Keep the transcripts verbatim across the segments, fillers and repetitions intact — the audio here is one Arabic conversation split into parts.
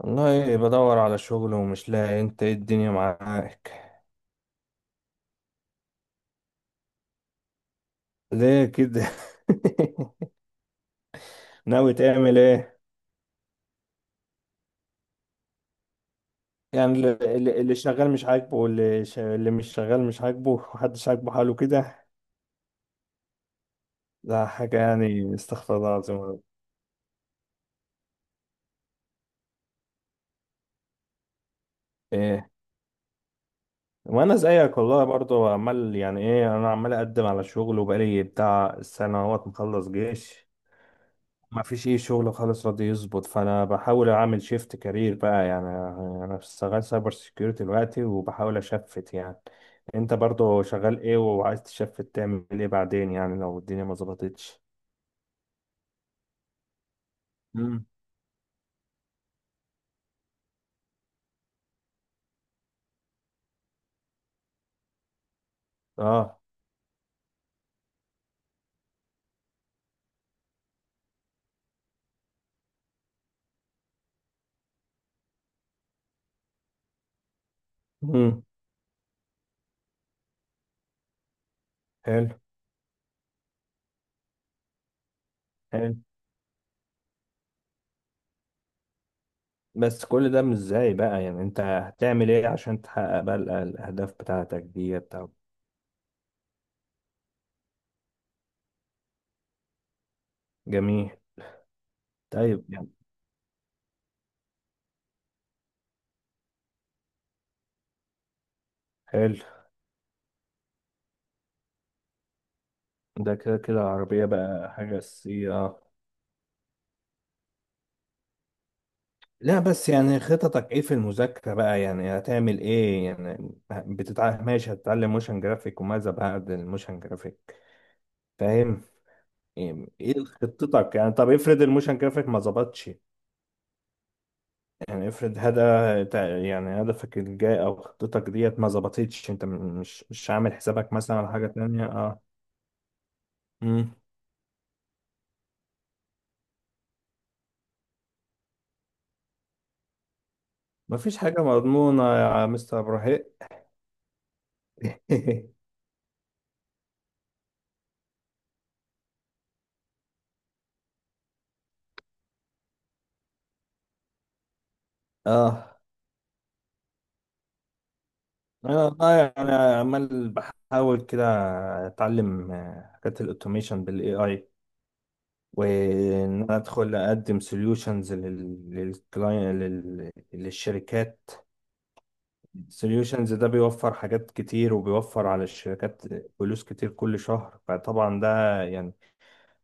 والله بدور على شغل ومش لاقي. انت ايه الدنيا معاك؟ ليه كده؟ ناوي تعمل ايه؟ يعني اللي اللي- اللي شغال مش عاجبه، واللي ش... اللي مش شغال مش عاجبه، محدش عاجبه حاله كده. ده حاجة، يعني استغفر الله العظيم يا رب. ايه، وانا زيك والله برضه عمال، يعني ايه، انا عمال اقدم على شغل وبقالي بتاع سنة اهوت مخلص جيش. ما فيش ايه شغل خالص راضي يظبط، فانا بحاول اعمل شيفت كارير بقى يعني. انا شغال سايبر سيكيورتي دلوقتي وبحاول اشفت يعني. انت برضو شغال ايه وعايز تشفت تعمل ايه بعدين يعني لو الدنيا ما ظبطتش؟ مم. اه. امم. حلو. حلو، بس كل ده مش ازاي بقى يعني؟ انت هتعمل ايه عشان تحقق بقى ال- الاهداف بتاعتك دي بتاع؟ جميل. طيب يعني. حلو. ده كده كده العربية بقى حاجة أساسية. لا بس يعني خططك ايه في المذاكرة بقى يعني؟ هتعمل ايه يعني؟ بتتعلم ماشي، هتتعلم موشن جرافيك، وماذا بعد الموشن جرافيك؟ فاهم. ايه إيه خطتك يعني؟ طب افرض الموشن جرافيك ما ظبطش، يعني افرض هذا تع- يعني هدفك الجاي او خطتك ديت ما ظبطتش، انت م- مش مش عامل حسابك مثلا على حاجة تانية؟ اه. امم. مفيش حاجة مضمونة يا مستر ابراهيم. اه. انا والله انا عمال بحاول كده اتعلم آه، حاجات الاوتوميشن بالاي اي، وان انا ادخل اقدم سوليوشنز للكلاين، للشركات. سوليوشنز ده بيوفر حاجات كتير وبيوفر على الشركات فلوس كتير كل شهر. فطبعا ده يعني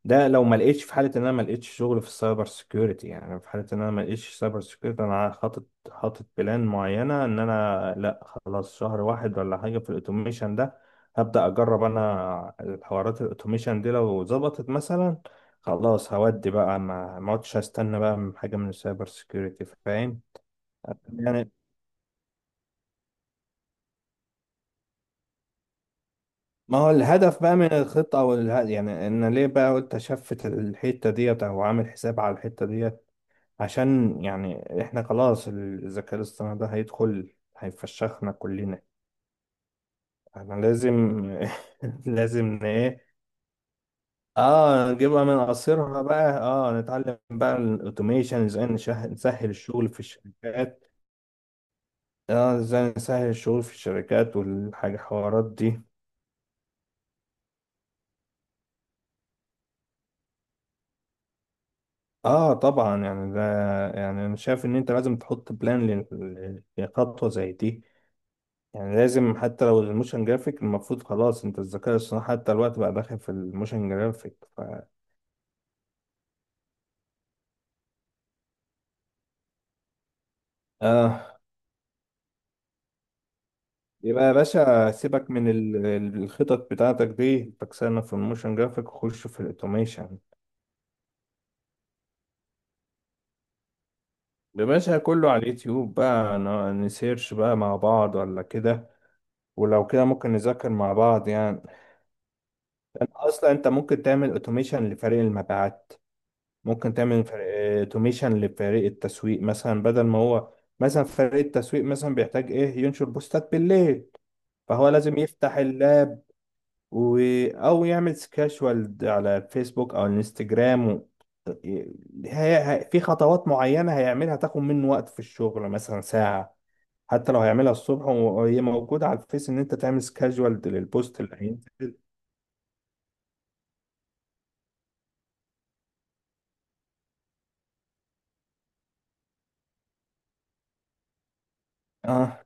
ده لو ما لقيتش، في حاله ان انا ما لقيتش شغل في السايبر سيكيورتي، يعني في حاله ان انا ما لقيتش سايبر سيكيورتي، انا حاطط حاطط بلان معينه ان انا لا خلاص، شهر واحد ولا حاجه في الاوتوميشن ده هبدا اجرب انا الحوارات الاوتوميشن دي. لو ظبطت مثلا، خلاص هودي بقى، ما ما اقعدش استنى بقى من حاجه من السايبر سيكيورتي، فاهم؟ يعني ما هو الهدف بقى من الخطه او اله- يعني ان ليه بقى قلت اشفت الحته ديت او عامل حساب على الحته ديت؟ عشان يعني احنا خلاص الذكاء الاصطناعي ده هيدخل هيفشخنا كلنا. احنا لازم. لازم ن- ايه، اه، نجيبها من قصيرها بقى، اه، نتعلم بقى الاوتوميشن ازاي نشه- نسهل الشغل في الشركات. اه، ازاي نسهل الشغل في الشركات والحاجة حوارات دي. اه طبعا يعني ده، يعني انا شايف ان انت لازم تحط بلان لخطوة زي دي. يعني لازم، حتى لو الموشن جرافيك، المفروض خلاص انت الذكاء الصناعي حتى الوقت بقى داخل في الموشن جرافيك ف... اه. يبقى يا باشا سيبك من ال- ال- الخطط بتاعتك دي، تكسرنا في الموشن جرافيك وخش في الاوتوميشن. يا باشا كله على اليوتيوب بقى، ن- نسيرش بقى مع بعض ولا كده؟ ولو كده ممكن نذاكر مع بعض يعني. انت اصلا انت ممكن تعمل اوتوميشن لفريق المبيعات. ممكن تعمل اوتوميشن لفريق التسويق مثلا، بدل ما هو مثلا فريق التسويق مثلا بيحتاج ايه، ينشر بوستات بالليل، فهو لازم يفتح اللاب و... او يعمل سكاشوال على الفيسبوك او الانستجرام و... هي... هي... في خطوات معينة هيعملها تاخد منه وقت في الشغل مثلا ساعة. حتى لو هيعملها الصبح وهي موجودة على الفيس، ان انت تعمل سكاشوال للبوست اللي هينزل. اه.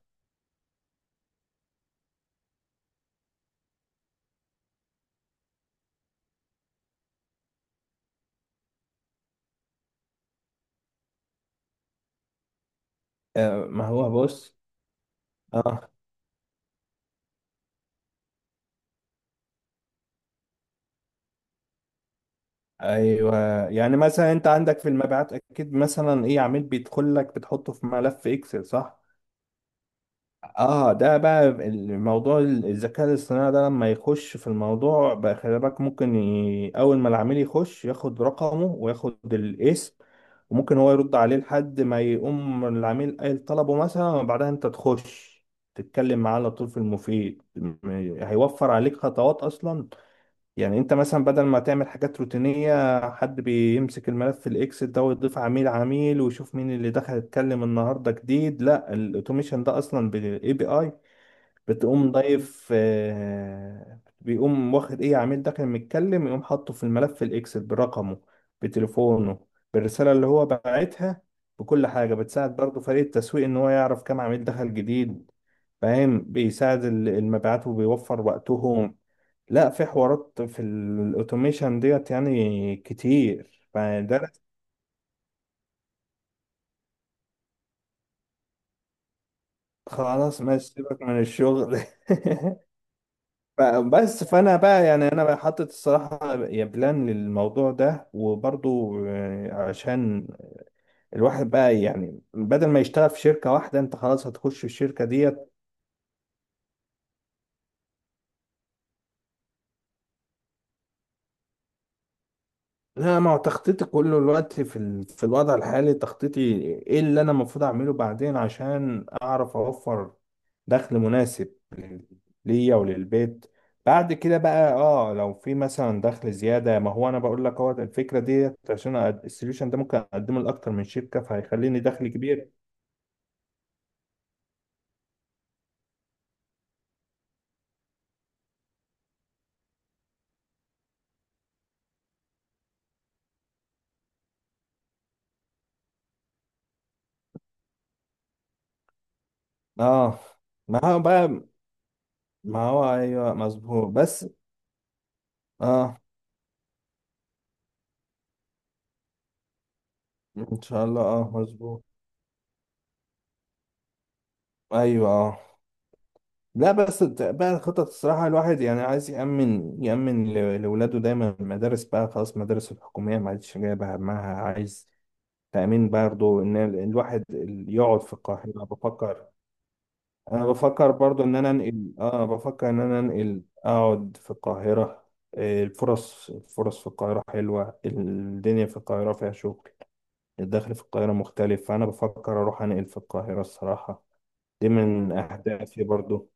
آه، ما هو بص. اه. ايوه، يعني مثلا انت عندك في المبيعات اكيد مثلا ايه، عميل بيدخل لك بتحطه في ملف اكسل، صح؟ اه، ده بقى الموضوع. الذكاء الاصطناعي ده لما يخش في الموضوع بقى، خلي بالك ممكن ي... اول ما العميل يخش ياخد رقمه وياخد الاسم، وممكن هو يرد عليه لحد ما يقوم العميل قايل طلبه مثلا، وبعدها انت تخش تتكلم معاه على طول في المفيد. م- هيوفر عليك خطوات اصلا. يعني انت مثلا بدل ما تعمل حاجات روتينية، حد بيمسك الملف في الاكسل ده ويضيف عميل عميل ويشوف مين اللي دخل اتكلم النهاردة جديد، لا، الاوتوميشن ده اصلا بالاي بي اي بتقوم ضايف، آه، بيقوم واخد ايه عميل داخل متكلم، يقوم حاطه في الملف في الاكسل برقمه، بتليفونه، بالرسالة اللي هو باعتها، بكل حاجة. بتساعد برضه فريق التسويق ان هو يعرف كام عميل دخل جديد. فاهم، بيساعد ال- المبيعات وبيوفر وقتهم. لا في حوارات في الاوتوميشن ديت يعني كتير، فده لازم- خلاص ماشي سيبك من الشغل. ف- بس فانا بقى يعني انا بقى حاطط الصراحه يا بلان للموضوع ده، وبرضو آه، عشان الواحد بقى، يعني بدل ما يشتغل في شركه واحده، انت خلاص هتخش في الشركه ديت. لا، ما هو تخطيطي كله الوقت في ال... في الوضع الحالي تخطيطي ايه اللي انا المفروض اعمله بعدين، عشان اعرف اوفر دخل مناسب لل- ليا وللبيت. بعد كده بقى اه، لو في مثلا دخل زيادة. ما هو انا بقول لك هو الفكرة ديت، عشان أقد- السوليوشن ده ممكن اقدمه لاكتر من شركة فهيخليني دخل كبير. اه. ما هو بقى ما هو ايوه مظبوط بس. اه، ان شاء الله، اه مظبوط. ايوه اه. لا بس الت- بقى الخطط الصراحة، الواحد يعني عايز يأمن، يأمن ل- لولاده دايما. المدارس بقى خلاص المدارس الحكومية ما عادش جايبة همها، عايز تأمين برضه. إن ال- الواحد ال- يقعد في القاهرة، بفكر. أنا بفكر برضه إن أنا أنقل، آه بفكر إن أنا أنقل أقعد في القاهرة. آه، الفرص، الفرص في القاهرة حلوة، الدنيا في القاهرة فيها شغل. الدخل في القاهرة مختلف، فأنا بفكر أروح أنقل في القاهرة الصراحة. دي من أهدافي برضه.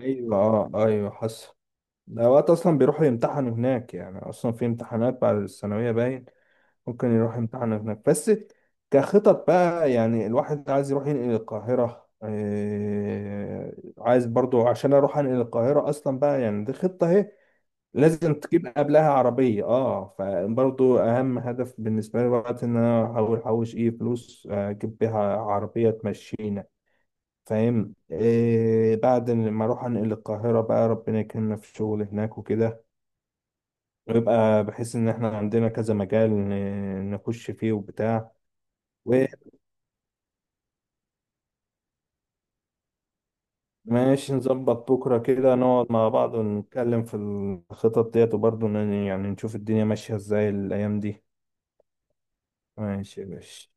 ايوه اه، ايوه حصل. ده وقت اصلا بيروحوا يمتحنوا هناك يعني، اصلا في امتحانات بعد الثانويه باين. ممكن يروح يمتحن هناك بس. كخطط بقى يعني الواحد عايز يروح ينقل القاهره، إيه عايز برضو عشان اروح انقل القاهره اصلا بقى، يعني دي خطه اهي. لازم تجيب قبلها عربيه اه. فبرضو اهم هدف بالنسبه لي وقت، ان انا احاول احوش ايه فلوس، آه، اجيب بيها عربيه تمشيني. فاهم. إيه بعد ما اروح انقل القاهرة بقى، ربنا يكرمنا في الشغل هناك وكده، ويبقى بحيث ان احنا عندنا كذا مجال ن- نخش فيه وبتاع. وماشي نظبط بكرة كده، نقعد مع بعض ونتكلم في الخطط ديت، وبرضه ن- يعني نشوف الدنيا ماشية ازاي الأيام دي. ماشي يا باشا.